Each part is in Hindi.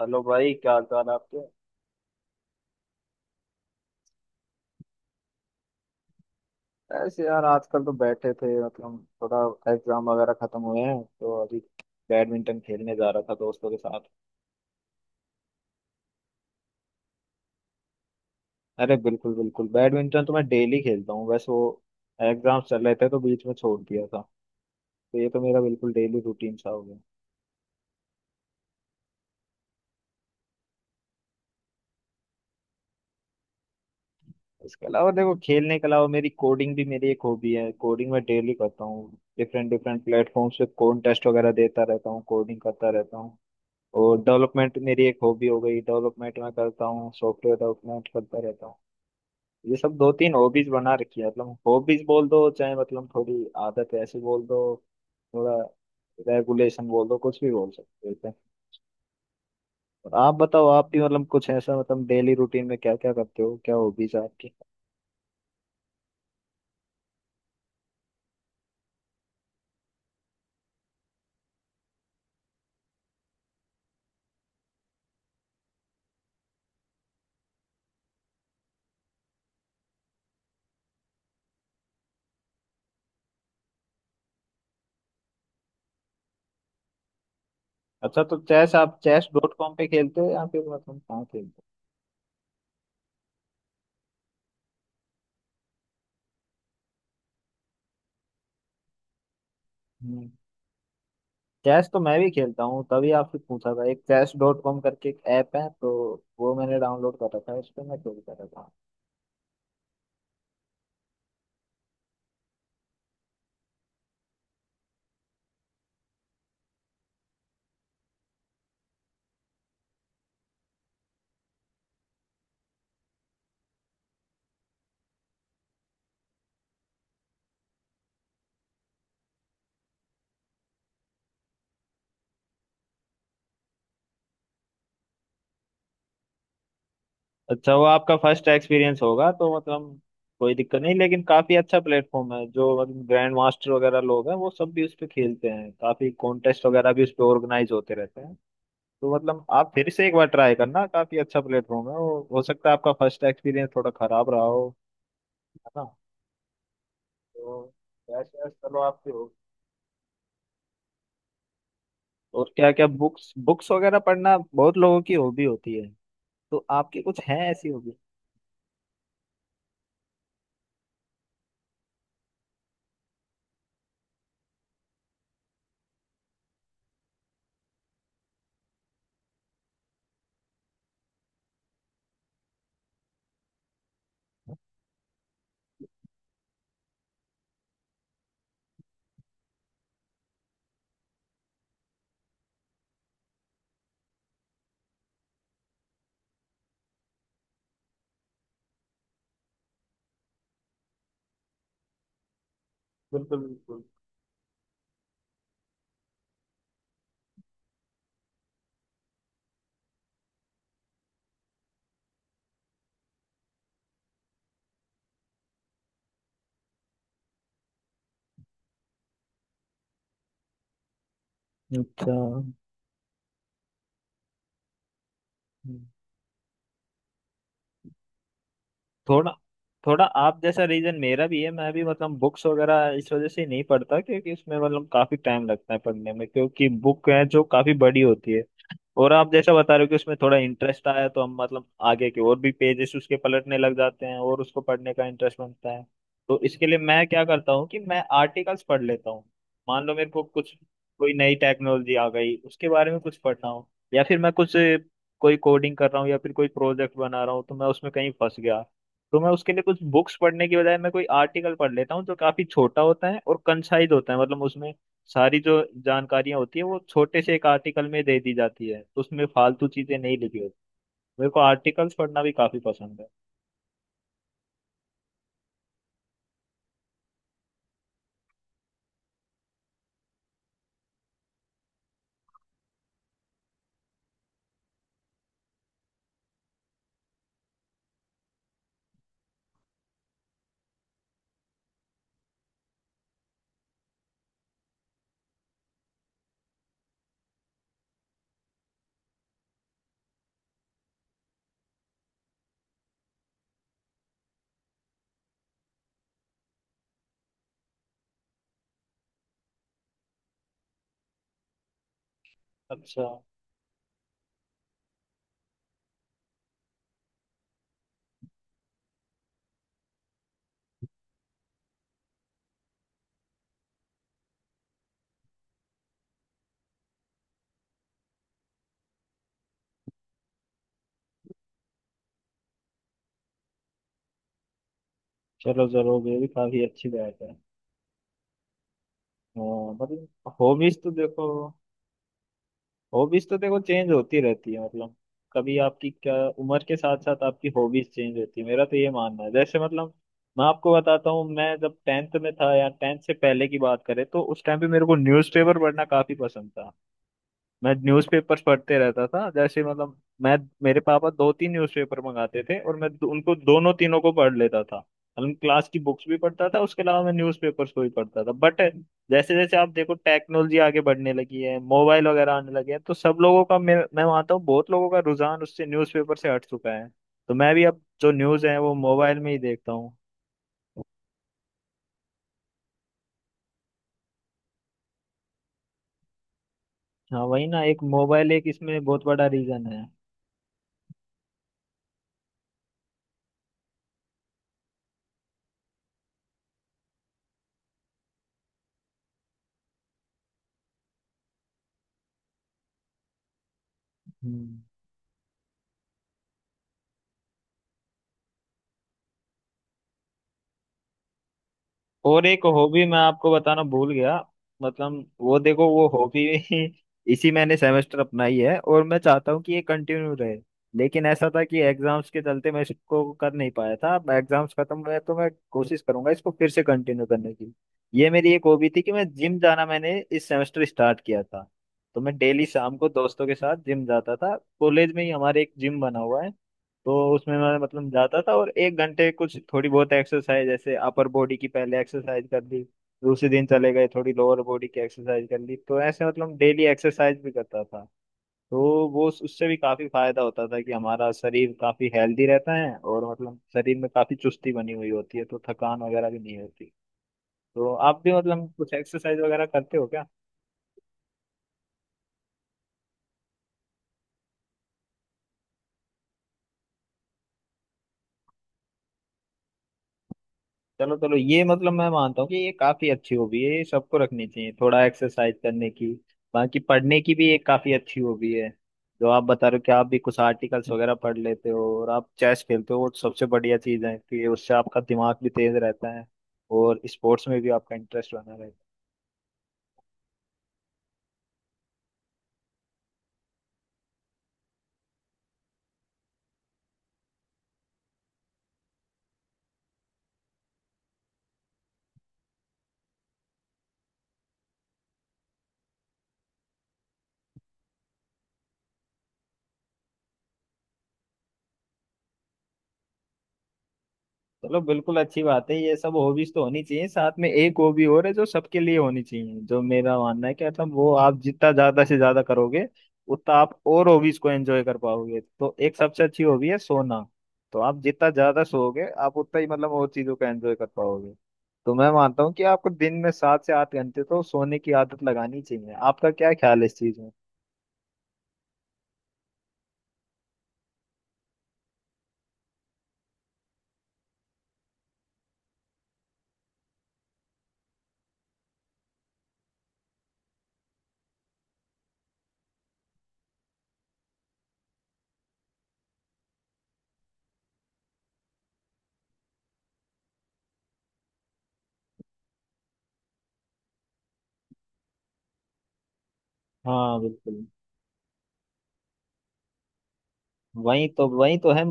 हेलो भाई क्या हाल चाल है आपके। ऐसे यार आजकल तो बैठे थे मतलब थोड़ा एग्जाम वगैरह खत्म हुए हैं तो अभी बैडमिंटन खेलने जा रहा था दोस्तों के साथ। अरे बिल्कुल बिल्कुल बैडमिंटन तो मैं डेली खेलता हूँ, बस वो एग्जाम चल रहे थे तो बीच में छोड़ दिया था। तो ये तो मेरा बिल्कुल डेली रूटीन सा हो गया। इसके अलावा देखो, खेलने के अलावा मेरी कोडिंग भी मेरी एक हॉबी है, कोडिंग मैं डेली करता हूँ। डिफरेंट डिफरेंट प्लेटफॉर्म्स पे कॉन्टेस्ट वगैरह देता रहता हूँ, कोडिंग करता रहता हूँ। और डेवलपमेंट मेरी एक हॉबी हो गई, डेवलपमेंट मैं करता हूँ, सॉफ्टवेयर डेवलपमेंट करता रहता हूँ। ये सब दो तीन हॉबीज बना रखी है, मतलब हॉबीज बोल दो चाहे, मतलब थोड़ी आदत ऐसी बोल दो, थोड़ा रेगुलेशन बोल दो, कुछ भी बोल सकते हो इसे। और आप बताओ, आप भी मतलब कुछ ऐसा मतलब डेली रूटीन में क्या क्या करते हो, क्या हॉबीज है आपकी? अच्छा, तो चेस आप चेस डॉट कॉम पे खेलते हो या फिर मतलब कहाँ खेलते हो? हम्म। चेस तो मैं भी खेलता हूँ, तभी आपसे पूछा था। एक चेस डॉट कॉम करके एक ऐप है, तो वो मैंने डाउनलोड कर रखा है, उस पर मैं खेलता रहता हूँ। अच्छा, वो आपका फर्स्ट एक्सपीरियंस होगा तो मतलब कोई दिक्कत नहीं, लेकिन काफी अच्छा प्लेटफॉर्म है। जो मतलब ग्रैंड मास्टर वगैरह लोग हैं वो सब भी उस पे खेलते हैं, काफी कॉन्टेस्ट वगैरह भी उस पे ऑर्गेनाइज होते रहते हैं। तो मतलब आप फिर से एक बार ट्राई करना, काफी अच्छा प्लेटफॉर्म है वो, हो सकता है आपका फर्स्ट एक्सपीरियंस थोड़ा खराब रहा हो, है ना? तो चेस चलो आपकी हो। और क्या क्या बुक्स, बुक्स वगैरह पढ़ना बहुत लोगों की हॉबी होती है, तो आपकी कुछ है ऐसी हॉबी? बिल्कुल बिल्कुल। अच्छा, थोड़ा थोड़ा आप जैसा रीजन मेरा भी है, मैं भी मतलब बुक्स वगैरह इस वजह से नहीं पढ़ता क्योंकि उसमें मतलब काफी टाइम लगता है पढ़ने में, क्योंकि बुक है जो काफी बड़ी होती है। और आप जैसा बता रहे हो कि उसमें थोड़ा इंटरेस्ट आया तो हम मतलब आगे के और भी पेजेस उसके पलटने लग जाते हैं और उसको पढ़ने का इंटरेस्ट बनता है। तो इसके लिए मैं क्या करता हूँ कि मैं आर्टिकल्स पढ़ लेता हूँ। मान लो मेरे को कुछ कोई नई टेक्नोलॉजी आ गई, उसके बारे में कुछ पढ़ना हो, या फिर मैं कुछ कोई कोडिंग कर रहा हूँ या फिर कोई प्रोजेक्ट बना रहा हूँ तो मैं उसमें कहीं फंस गया, तो मैं उसके लिए कुछ बुक्स पढ़ने की बजाय मैं कोई आर्टिकल पढ़ लेता हूँ, जो काफी छोटा होता है और कंसाइज होता है, मतलब उसमें सारी जो जानकारियां होती है वो छोटे से एक आर्टिकल में दे दी जाती है, उसमें फालतू चीजें नहीं लिखी होती। मेरे को आर्टिकल्स पढ़ना भी काफी पसंद है। अच्छा, चलो जरूर ये भी काफी अच्छी बात है। हाँ, मतलब हॉबीज तो देखो हॉबीज तो देखो चेंज होती रहती है मतलब, कभी आपकी क्या उम्र के साथ साथ आपकी हॉबीज चेंज होती है, मेरा तो ये मानना है। जैसे मतलब मैं आपको बताता हूँ, मैं जब टेंथ में था या टेंथ से पहले की बात करें तो उस टाइम पे मेरे को न्यूज़पेपर पढ़ना काफी पसंद था। मैं न्यूज़पेपर्स पढ़ते रहता था, जैसे मतलब मैं मेरे पापा दो तीन न्यूज़पेपर मंगाते थे और मैं उनको दोनों तीनों को पढ़ लेता था। मतलब क्लास की बुक्स भी पढ़ता था, उसके अलावा मैं न्यूज़पेपर्स को भी पढ़ता था, बट जैसे जैसे आप देखो टेक्नोलॉजी आगे बढ़ने लगी है, मोबाइल वगैरह आने लगे हैं, तो सब लोगों का मैं मानता हूँ बहुत लोगों का रुझान उससे न्यूज़पेपर से हट चुका है। तो मैं भी अब जो न्यूज़ है वो मोबाइल में ही देखता हूँ। हाँ वही ना, एक मोबाइल एक इसमें बहुत बड़ा रीजन है। हम्म। और एक हॉबी मैं आपको बताना भूल गया, मतलब वो देखो वो हॉबी। इसी मैंने सेमेस्टर अपनाई है और मैं चाहता हूँ कि ये कंटिन्यू रहे। लेकिन ऐसा था कि एग्जाम्स के चलते मैं इसको कर नहीं पाया था, अब एग्जाम्स खत्म हुए हैं, तो मैं कोशिश करूंगा इसको फिर से कंटिन्यू करने की। ये मेरी एक हॉबी थी कि मैं जिम जाना मैंने इस सेमेस्टर स्टार्ट किया था। तो मैं डेली शाम को दोस्तों के साथ जिम जाता था, कॉलेज में ही हमारे एक जिम बना हुआ है। तो उसमें मैं मतलब जाता था और 1 घंटे कुछ थोड़ी बहुत एक्सरसाइज, जैसे अपर बॉडी की पहले एक्सरसाइज कर ली, दूसरे दिन चले गए थोड़ी लोअर बॉडी की एक्सरसाइज कर ली, तो ऐसे मतलब डेली एक्सरसाइज भी करता था। तो वो उससे भी काफी फायदा होता था कि हमारा शरीर काफी हेल्दी रहता है और मतलब शरीर में काफी चुस्ती बनी हुई होती है, तो थकान वगैरह भी नहीं होती। तो आप भी मतलब कुछ एक्सरसाइज वगैरह करते हो क्या? चलो चलो ये मतलब मैं मानता हूँ कि ये काफी अच्छी हॉबी है, ये सबको रखनी चाहिए थोड़ा एक्सरसाइज करने की। बाकी पढ़ने की भी एक काफी अच्छी हॉबी है, जो आप बता रहे हो कि आप भी कुछ आर्टिकल्स वगैरह पढ़ लेते हो, और आप चेस खेलते हो, वो सबसे बढ़िया चीज है कि उससे आपका दिमाग भी तेज रहता है और स्पोर्ट्स में भी आपका इंटरेस्ट बना रहता है। चलो बिल्कुल अच्छी बात है, ये सब हॉबीज तो होनी चाहिए। साथ में एक हॉबी और है जो सबके लिए होनी चाहिए, जो मेरा मानना है कि मतलब वो आप जितना ज्यादा से ज्यादा करोगे उतना आप और हॉबीज को एंजॉय कर पाओगे। तो एक सबसे अच्छी हॉबी है सोना। तो आप जितना ज्यादा सोओगे आप उतना ही मतलब और चीजों को एंजॉय कर पाओगे। तो मैं मानता हूँ कि आपको दिन में 7 से 8 घंटे तो सोने की आदत लगानी चाहिए, आपका क्या ख्याल है इस चीज में? हाँ बिल्कुल। वही तो है,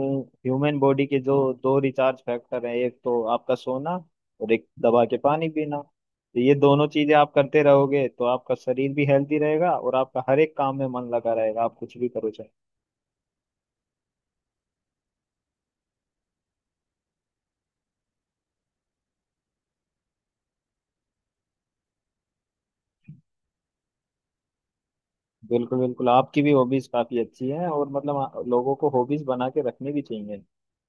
ह्यूमन बॉडी के जो दो रिचार्ज फैक्टर है, एक तो आपका सोना और एक दबा के पानी पीना। तो ये दोनों चीजें आप करते रहोगे तो आपका शरीर भी हेल्दी रहेगा और आपका हर एक काम में मन लगा रहेगा, आप कुछ भी करो चाहे। बिल्कुल बिल्कुल आपकी भी हॉबीज काफी अच्छी हैं, और मतलब लोगों को हॉबीज बना के रखनी भी चाहिए,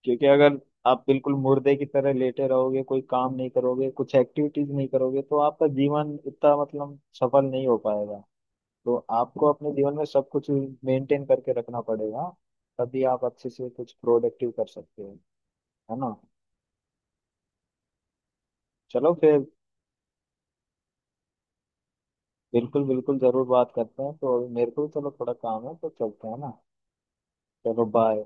क्योंकि अगर आप बिल्कुल मुर्दे की तरह लेटे रहोगे, कोई काम नहीं करोगे, कुछ एक्टिविटीज नहीं करोगे, तो आपका जीवन इतना मतलब सफल नहीं हो पाएगा। तो आपको अपने जीवन में सब कुछ मेंटेन करके रखना पड़ेगा, तभी आप अच्छे से कुछ प्रोडक्टिव कर सकते हो, है ना? चलो फिर। बिल्कुल बिल्कुल जरूर बात करते हैं, तो मेरे को भी चलो थोड़ा काम है तो चलते हैं ना। चलो बाय।